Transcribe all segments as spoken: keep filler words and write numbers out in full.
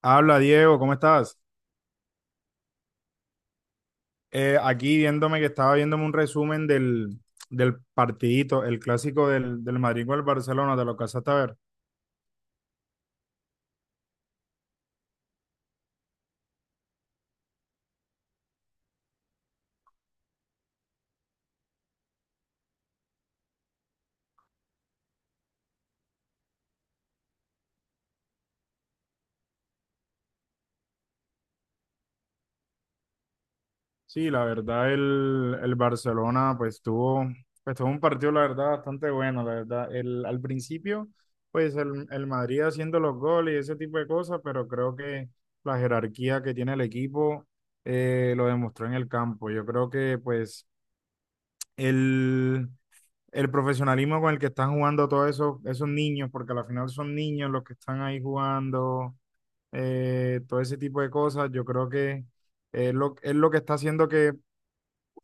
Habla Diego, ¿cómo estás? Eh, aquí viéndome que estaba viéndome un resumen del, del partidito, el clásico del, del Madrid con el Barcelona, te lo alcanzaste a ver. Sí, la verdad el, el Barcelona pues tuvo, pues tuvo un partido la verdad bastante bueno, la verdad. El, al principio pues el, el Madrid haciendo los goles y ese tipo de cosas, pero creo que la jerarquía que tiene el equipo eh, lo demostró en el campo. Yo creo que pues el... el profesionalismo con el que están jugando todos esos, esos niños, porque al final son niños los que están ahí jugando, eh, todo ese tipo de cosas, yo creo que es lo, es lo que está haciendo que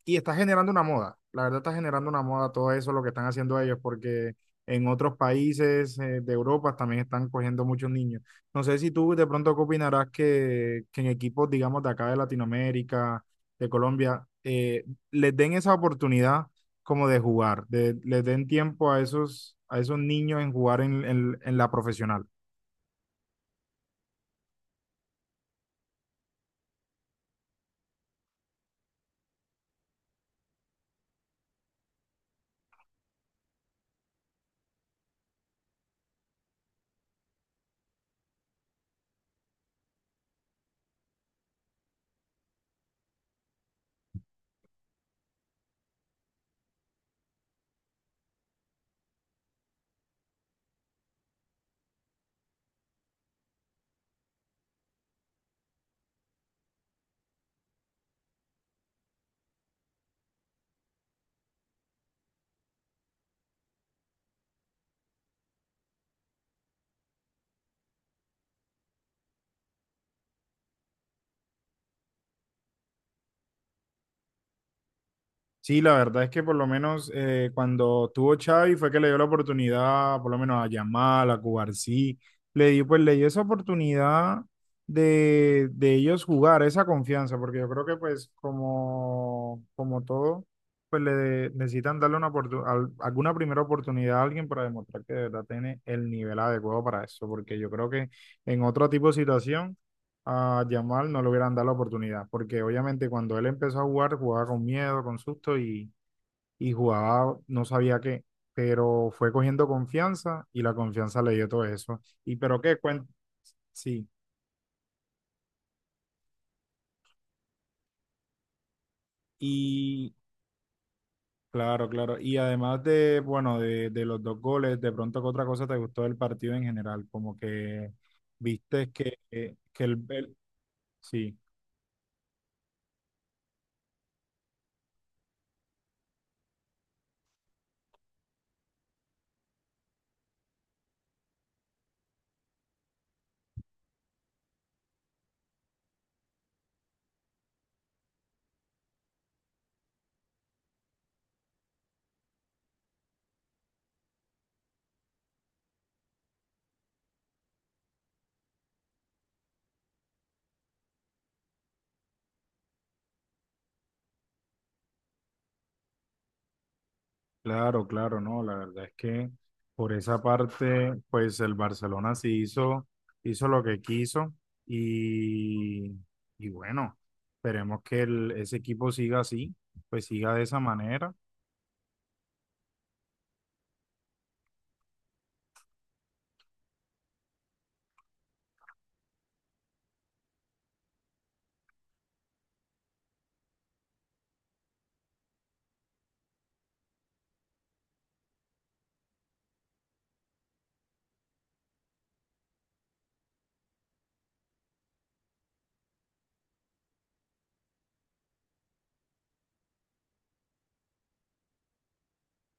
y está generando una moda. La verdad está generando una moda todo eso, lo que están haciendo ellos, porque en otros países eh, de Europa también están cogiendo muchos niños. No sé si tú de pronto qué opinarás que, que en equipos, digamos, de acá de Latinoamérica, de Colombia, eh, les den esa oportunidad como de jugar, de, les den tiempo a esos, a esos niños en jugar en, en, en la profesional. Sí, la verdad es que por lo menos eh, cuando tuvo Xavi fue que le dio la oportunidad, por lo menos a Yamal, a Cubarsí, le dio, pues le dio esa oportunidad de, de ellos jugar, esa confianza, porque yo creo que pues como, como todo, pues le necesitan darle una oportu- al- alguna primera oportunidad a alguien para demostrar que de verdad tiene el nivel adecuado para eso, porque yo creo que en otro tipo de situación a Yamal no le hubieran dado la oportunidad, porque obviamente cuando él empezó a jugar, jugaba con miedo, con susto y, y jugaba no sabía qué, pero fue cogiendo confianza y la confianza le dio todo eso. Y pero qué cuenta, sí, y claro, claro, y además de, bueno, de, de los dos goles, de pronto qué otra cosa te gustó del partido en general, como que viste que, que el, el- sí. Claro, claro, no, la verdad es que por esa parte, pues el Barcelona sí hizo, hizo lo que quiso y, y bueno, esperemos que el- ese equipo siga así, pues siga de esa manera.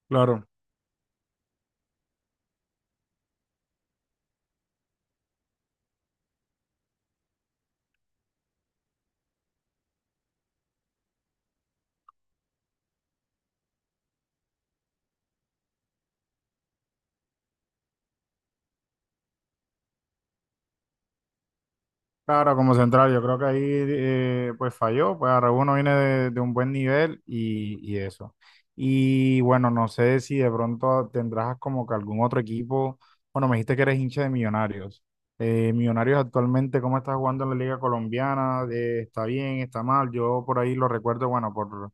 Claro, claro, como central, yo creo que ahí eh, pues falló, pues Araújo no viene de, de un buen nivel y, y eso. Y bueno, no sé si de pronto tendrás como que algún otro equipo, bueno, me dijiste que eres hincha de Millonarios. Eh, Millonarios actualmente, ¿cómo está jugando en la Liga Colombiana? Eh, ¿está bien? ¿Está mal? Yo por ahí lo recuerdo, bueno, por,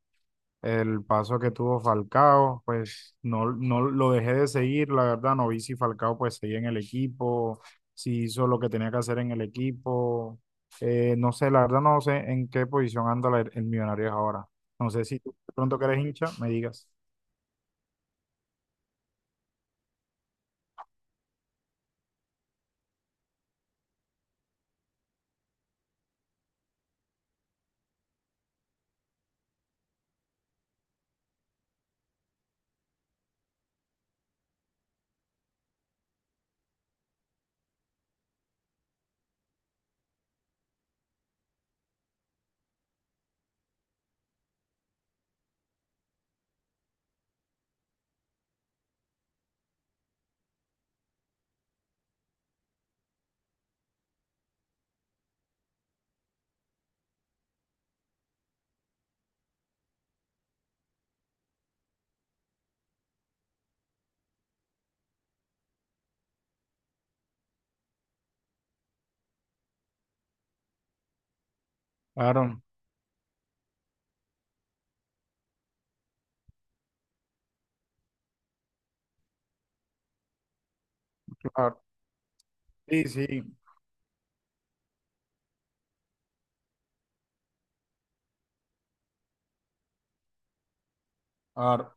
el paso que tuvo Falcao, pues no, no lo dejé de seguir, la verdad, no vi si Falcao pues seguía en el equipo, si hizo lo que tenía que hacer en el equipo, eh, no sé, la verdad no sé en qué posición anda la- el Millonarios ahora. No sé si tú de pronto que eres hincha, me digas. Claro, claro, sí, sí, claro.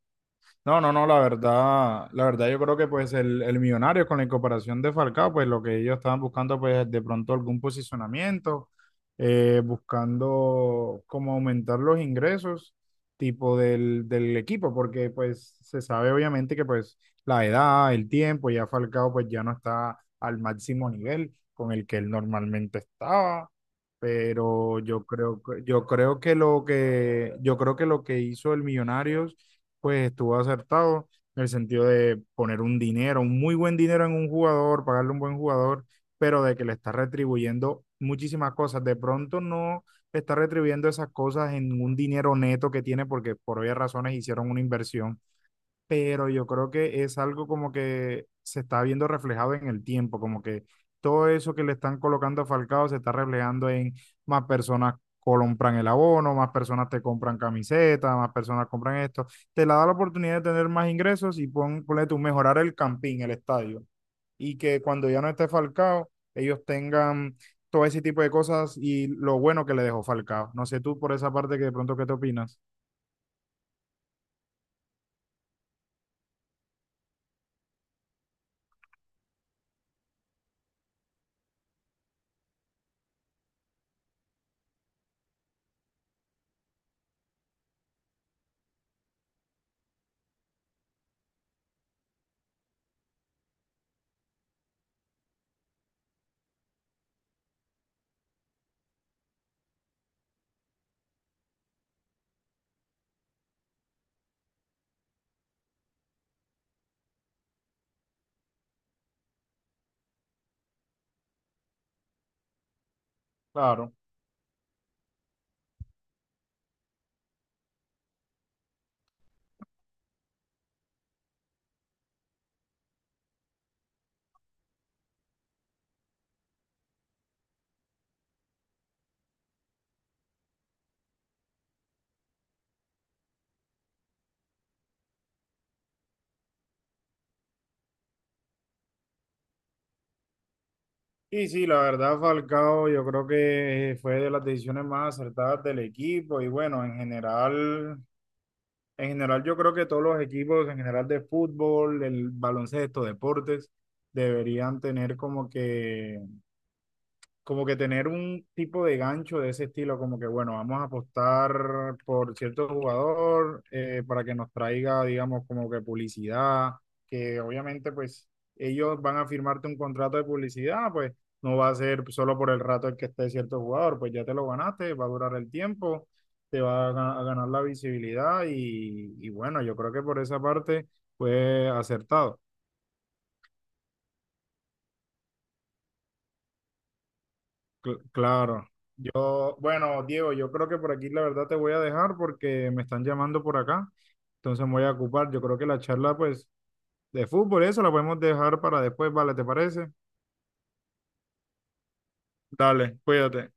No, no, no, la verdad, la verdad yo creo que pues el, el Millonario con la incorporación de Falcao, pues lo que ellos estaban buscando pues de pronto algún posicionamiento, eh, buscando como aumentar los ingresos tipo del, del equipo, porque pues se sabe obviamente que pues la edad, el tiempo, ya Falcao pues ya no está al máximo nivel con el que él normalmente estaba pero yo creo, que- yo creo que lo que, yo creo que lo que hizo el Millonarios, pues estuvo acertado en el sentido de poner un dinero, un muy buen dinero en un jugador, pagarle un buen jugador, pero de que le está retribuyendo muchísimas cosas. De pronto no le está retribuyendo esas cosas en un dinero neto que tiene porque por obvias razones hicieron una inversión, pero yo creo que es algo como que se está viendo reflejado en el tiempo, como que todo eso que le están colocando a Falcao se está reflejando en más personas compran el abono, más personas te compran camisetas, más personas compran esto, te la da la oportunidad de tener más ingresos y pon, ponle tú mejorar el campín, el estadio, y que cuando ya no esté Falcao, ellos tengan todo ese tipo de cosas y lo bueno que le dejó Falcao. No sé tú por esa parte que de pronto qué te opinas. Claro. Sí, sí, la verdad, Falcao, yo creo que fue de las decisiones más acertadas del equipo y bueno, en general, en general yo creo que todos los equipos en general de fútbol, el baloncesto, deportes, deberían tener como que como que tener un tipo de gancho de ese estilo, como que bueno, vamos a apostar por cierto jugador eh, para que nos traiga, digamos, como que publicidad, que obviamente pues ellos van a firmarte un contrato de publicidad, pues no va a ser solo por el rato el que esté cierto jugador, pues ya te lo ganaste, va a durar el tiempo, te va a, ga- a ganar la visibilidad y, y bueno, yo creo que por esa parte fue acertado. Cl- Claro. Yo, bueno, Diego, yo creo que por aquí la verdad te voy a dejar porque me están llamando por acá, entonces me voy a ocupar. Yo creo que la charla, pues, de fútbol, eso la podemos dejar para después, ¿vale? ¿Te parece? Dale, cuídate.